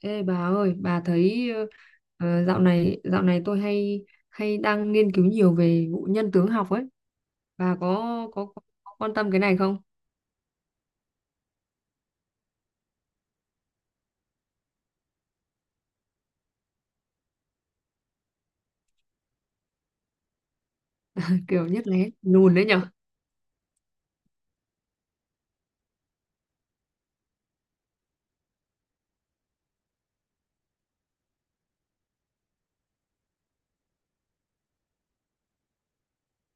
Ê bà ơi, bà thấy dạo này tôi hay hay đang nghiên cứu nhiều về vụ nhân tướng học ấy. Bà có quan tâm cái này không? Kiểu nhất lé lùn đấy nhở?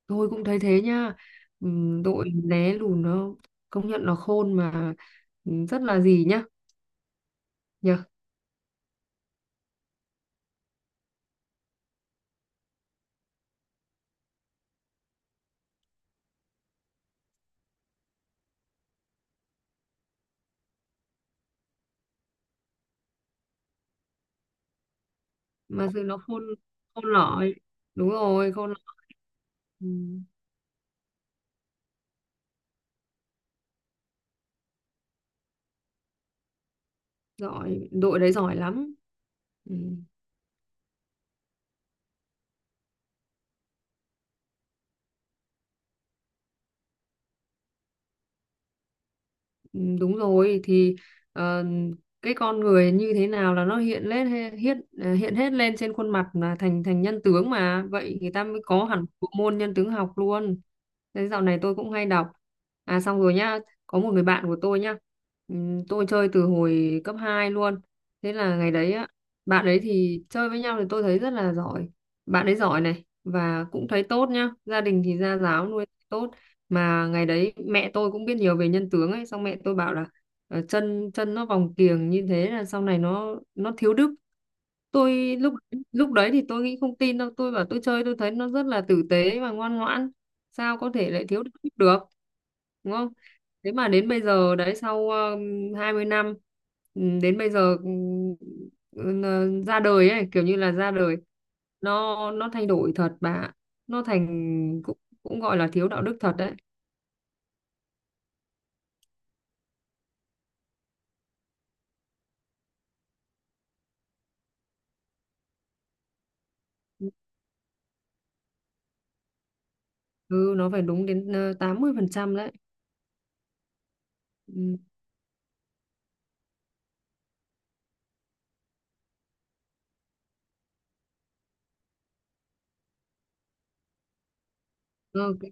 Tôi cũng thấy thế nha. Đội lé lùn nó công nhận nó khôn mà rất là gì nhá, nhở? Mà sự nó khôn khôn lỏi. Đúng rồi, khôn lỏi. Ừm, Giỏi, đội đấy giỏi lắm. Ừ. Ừ, đúng rồi thì ờ, cái con người như thế nào là nó hiện lên he- hiện hiện hết lên trên khuôn mặt là thành thành nhân tướng mà vậy người ta mới có hẳn bộ môn nhân tướng học luôn. Thế dạo này tôi cũng hay đọc. À, xong rồi nhá. Có một người bạn của tôi nhá, tôi chơi từ hồi cấp 2 luôn. Thế là ngày đấy á, bạn ấy thì chơi với nhau thì tôi thấy rất là giỏi. Bạn ấy giỏi này và cũng thấy tốt nhá, gia đình thì gia giáo nuôi tốt. Mà ngày đấy mẹ tôi cũng biết nhiều về nhân tướng ấy, xong mẹ tôi bảo là chân chân nó vòng kiềng như thế là sau này nó thiếu đức. Tôi lúc lúc đấy thì tôi nghĩ không tin đâu, tôi bảo tôi chơi tôi thấy nó rất là tử tế và ngoan ngoãn, sao có thể lại thiếu đức được. Đúng không? Thế mà đến bây giờ đấy, sau 20 năm, đến bây giờ, ra đời ấy kiểu như là ra đời, nó thay đổi thật bà ạ. Nó thành cũng cũng gọi là thiếu đạo đức thật đấy. Ừ nó phải đúng đến 80% đấy. Ừ. Ừ,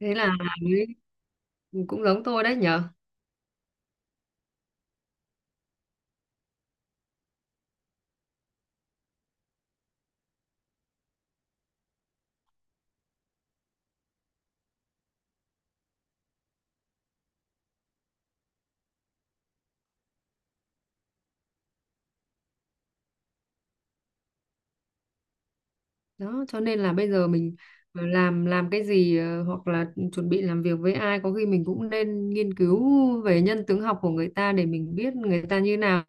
thế là mới cũng giống tôi đấy nhở. Đó cho nên là bây giờ mình làm cái gì, hoặc là chuẩn bị làm việc với ai có khi mình cũng nên nghiên cứu về nhân tướng học của người ta để mình biết người ta như nào.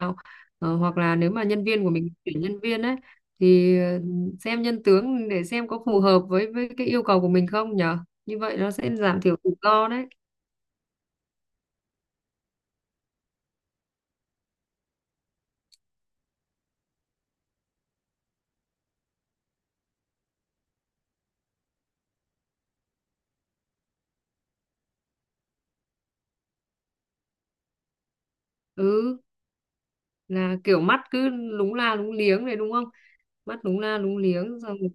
Hoặc là nếu mà nhân viên của mình tuyển nhân viên ấy thì xem nhân tướng để xem có phù hợp với cái yêu cầu của mình không nhở. Như vậy nó sẽ giảm thiểu rủi ro đấy. Ừ, là kiểu mắt cứ lúng la lúng liếng này đúng không? Mắt lúng la lúng liếng xong rồi,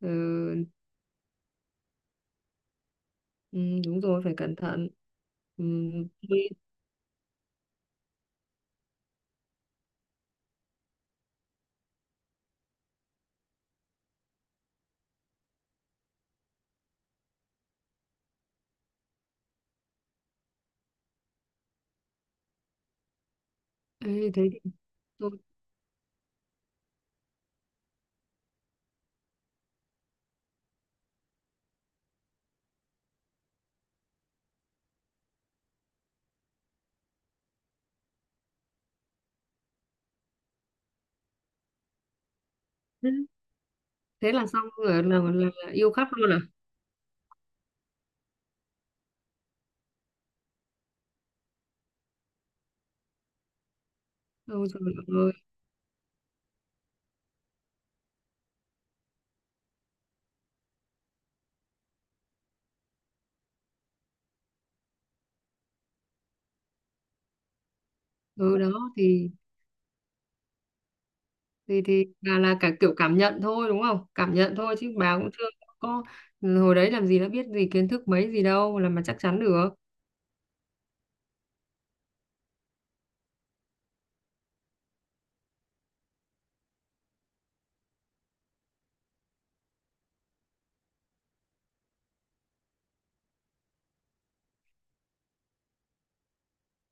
ừ, ừ, đúng rồi phải cẩn thận. Ừ, ê, ê, thế thì thôi thế thế là xong rồi là yêu khắp luôn à? Ôi trời ơi. Ừ, đó thì thì là cả kiểu cảm nhận thôi đúng không, cảm nhận thôi chứ bà cũng chưa có. Ừ, hồi đấy làm gì đã biết gì kiến thức mấy gì đâu làm mà chắc chắn được.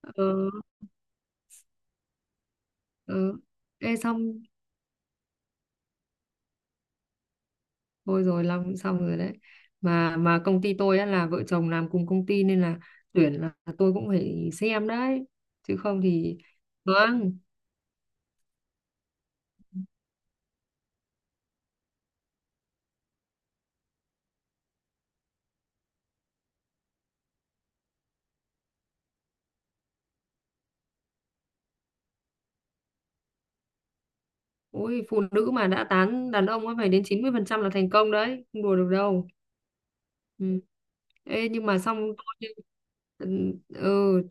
ờ, ờ. Ê, xong thôi rồi long cũng xong rồi đấy. Mà công ty tôi á là vợ chồng làm cùng công ty nên là tuyển là tôi cũng phải xem đấy, chứ không thì. Vâng. Ôi, phụ nữ mà đã tán đàn ông á phải đến 90% là thành công đấy, không đùa được đâu. Ừ. Ê, nhưng mà xong Ừ,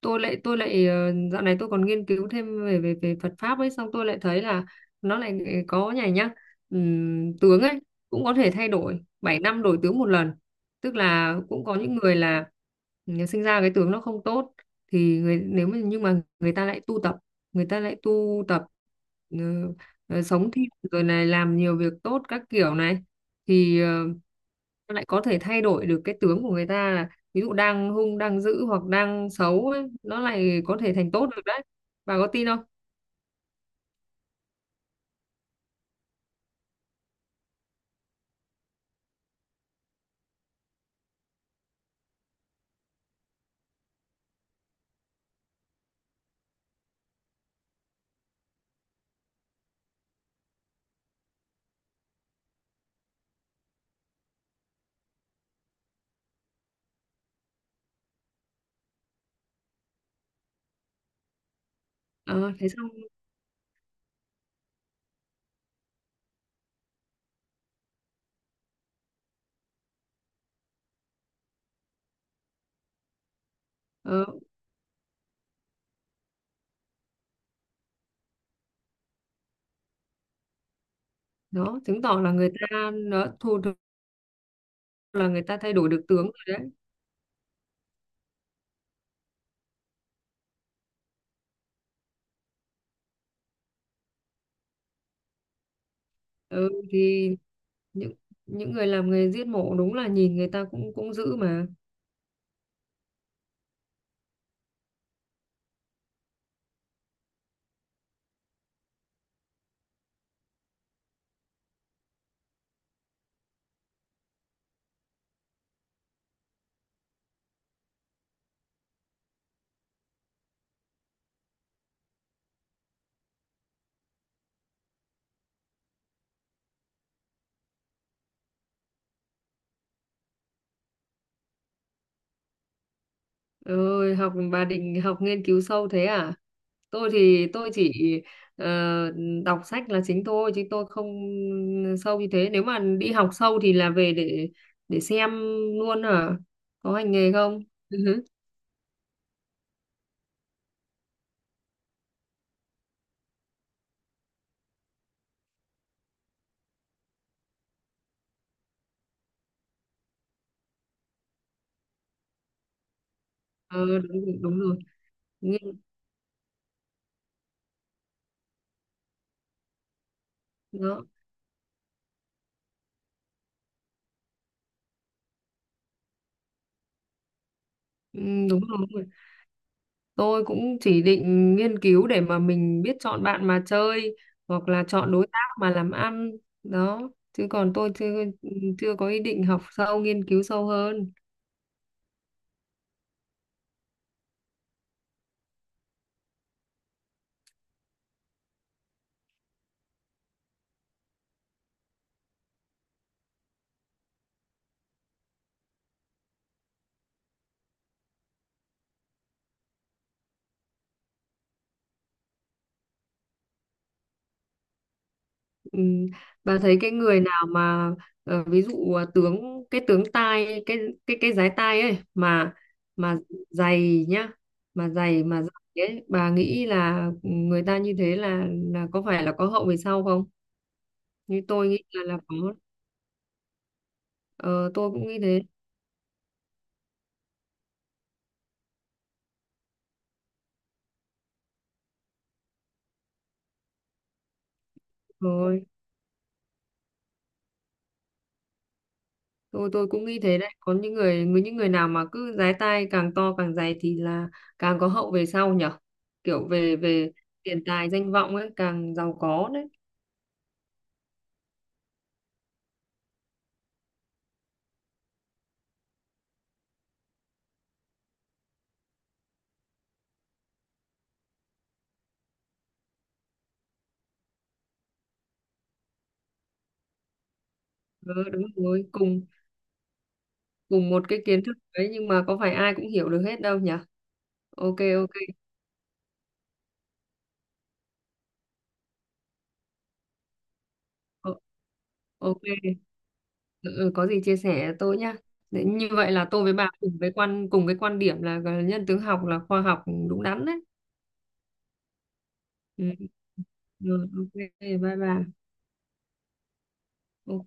tôi lại dạo này tôi còn nghiên cứu thêm về về về Phật pháp ấy xong tôi lại thấy là nó lại có nhảy nhá. Tướng ấy cũng có thể thay đổi 7 năm đổi tướng một lần. Tức là cũng có những người là, sinh ra cái tướng nó không tốt, thì người nếu mà nhưng mà người ta lại tu tập, người ta lại tu tập, ừ, sống thiện rồi này làm nhiều việc tốt các kiểu này, thì lại có thể thay đổi được cái tướng của người ta, là ví dụ đang hung đang dữ hoặc đang xấu ấy, nó lại có thể thành tốt được đấy. Bà có tin không? Ờ, Thế xong. ờ, Đó chứng tỏ là người ta nó thu được, là người ta thay đổi được tướng rồi đấy. Ừ, thì những những người làm nghề giết mổ đúng là nhìn người ta cũng cũng dữ mà. Ơi học, bà định học nghiên cứu sâu thế à? Tôi thì tôi chỉ ờ, đọc sách là chính thôi chứ tôi không sâu như thế, nếu mà đi học sâu thì là về để xem luôn hả? Có hành nghề không? Ờ, đúng rồi, đúng rồi. nghiên Đó. Ừ, đúng rồi, đúng rồi, tôi cũng chỉ định nghiên cứu để mà mình biết chọn bạn mà chơi, hoặc là chọn đối tác mà làm ăn. Đó. Chứ còn tôi chưa chưa có ý định học sâu nghiên cứu sâu hơn. Ừ. Bà thấy cái người nào mà ví dụ à, cái tướng tai, cái dái tai ấy mà dày nhá, mà dày ấy, bà nghĩ là người ta như thế là có phải là có hậu về sau không? Như tôi nghĩ là có. Ờ, tôi cũng nghĩ thế. Rồi tôi cũng nghĩ thế đấy, có những người nào mà cứ dái tai càng to càng dày thì là càng có hậu về sau nhở, kiểu về về tiền tài danh vọng ấy càng giàu có đấy. Ừ, đúng rồi, cùng cùng một cái kiến thức đấy nhưng mà có phải ai cũng hiểu được hết đâu nhỉ? Ok, ok. Ờ, ok, ừ, ừ, có gì chia sẻ tôi nhá. Đấy, như vậy là tôi với bà cùng cái quan điểm là gọi là nhân tướng học là khoa học đúng đắn đấy. Ừ. Rồi, ok, bye bà. Ok,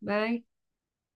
bye.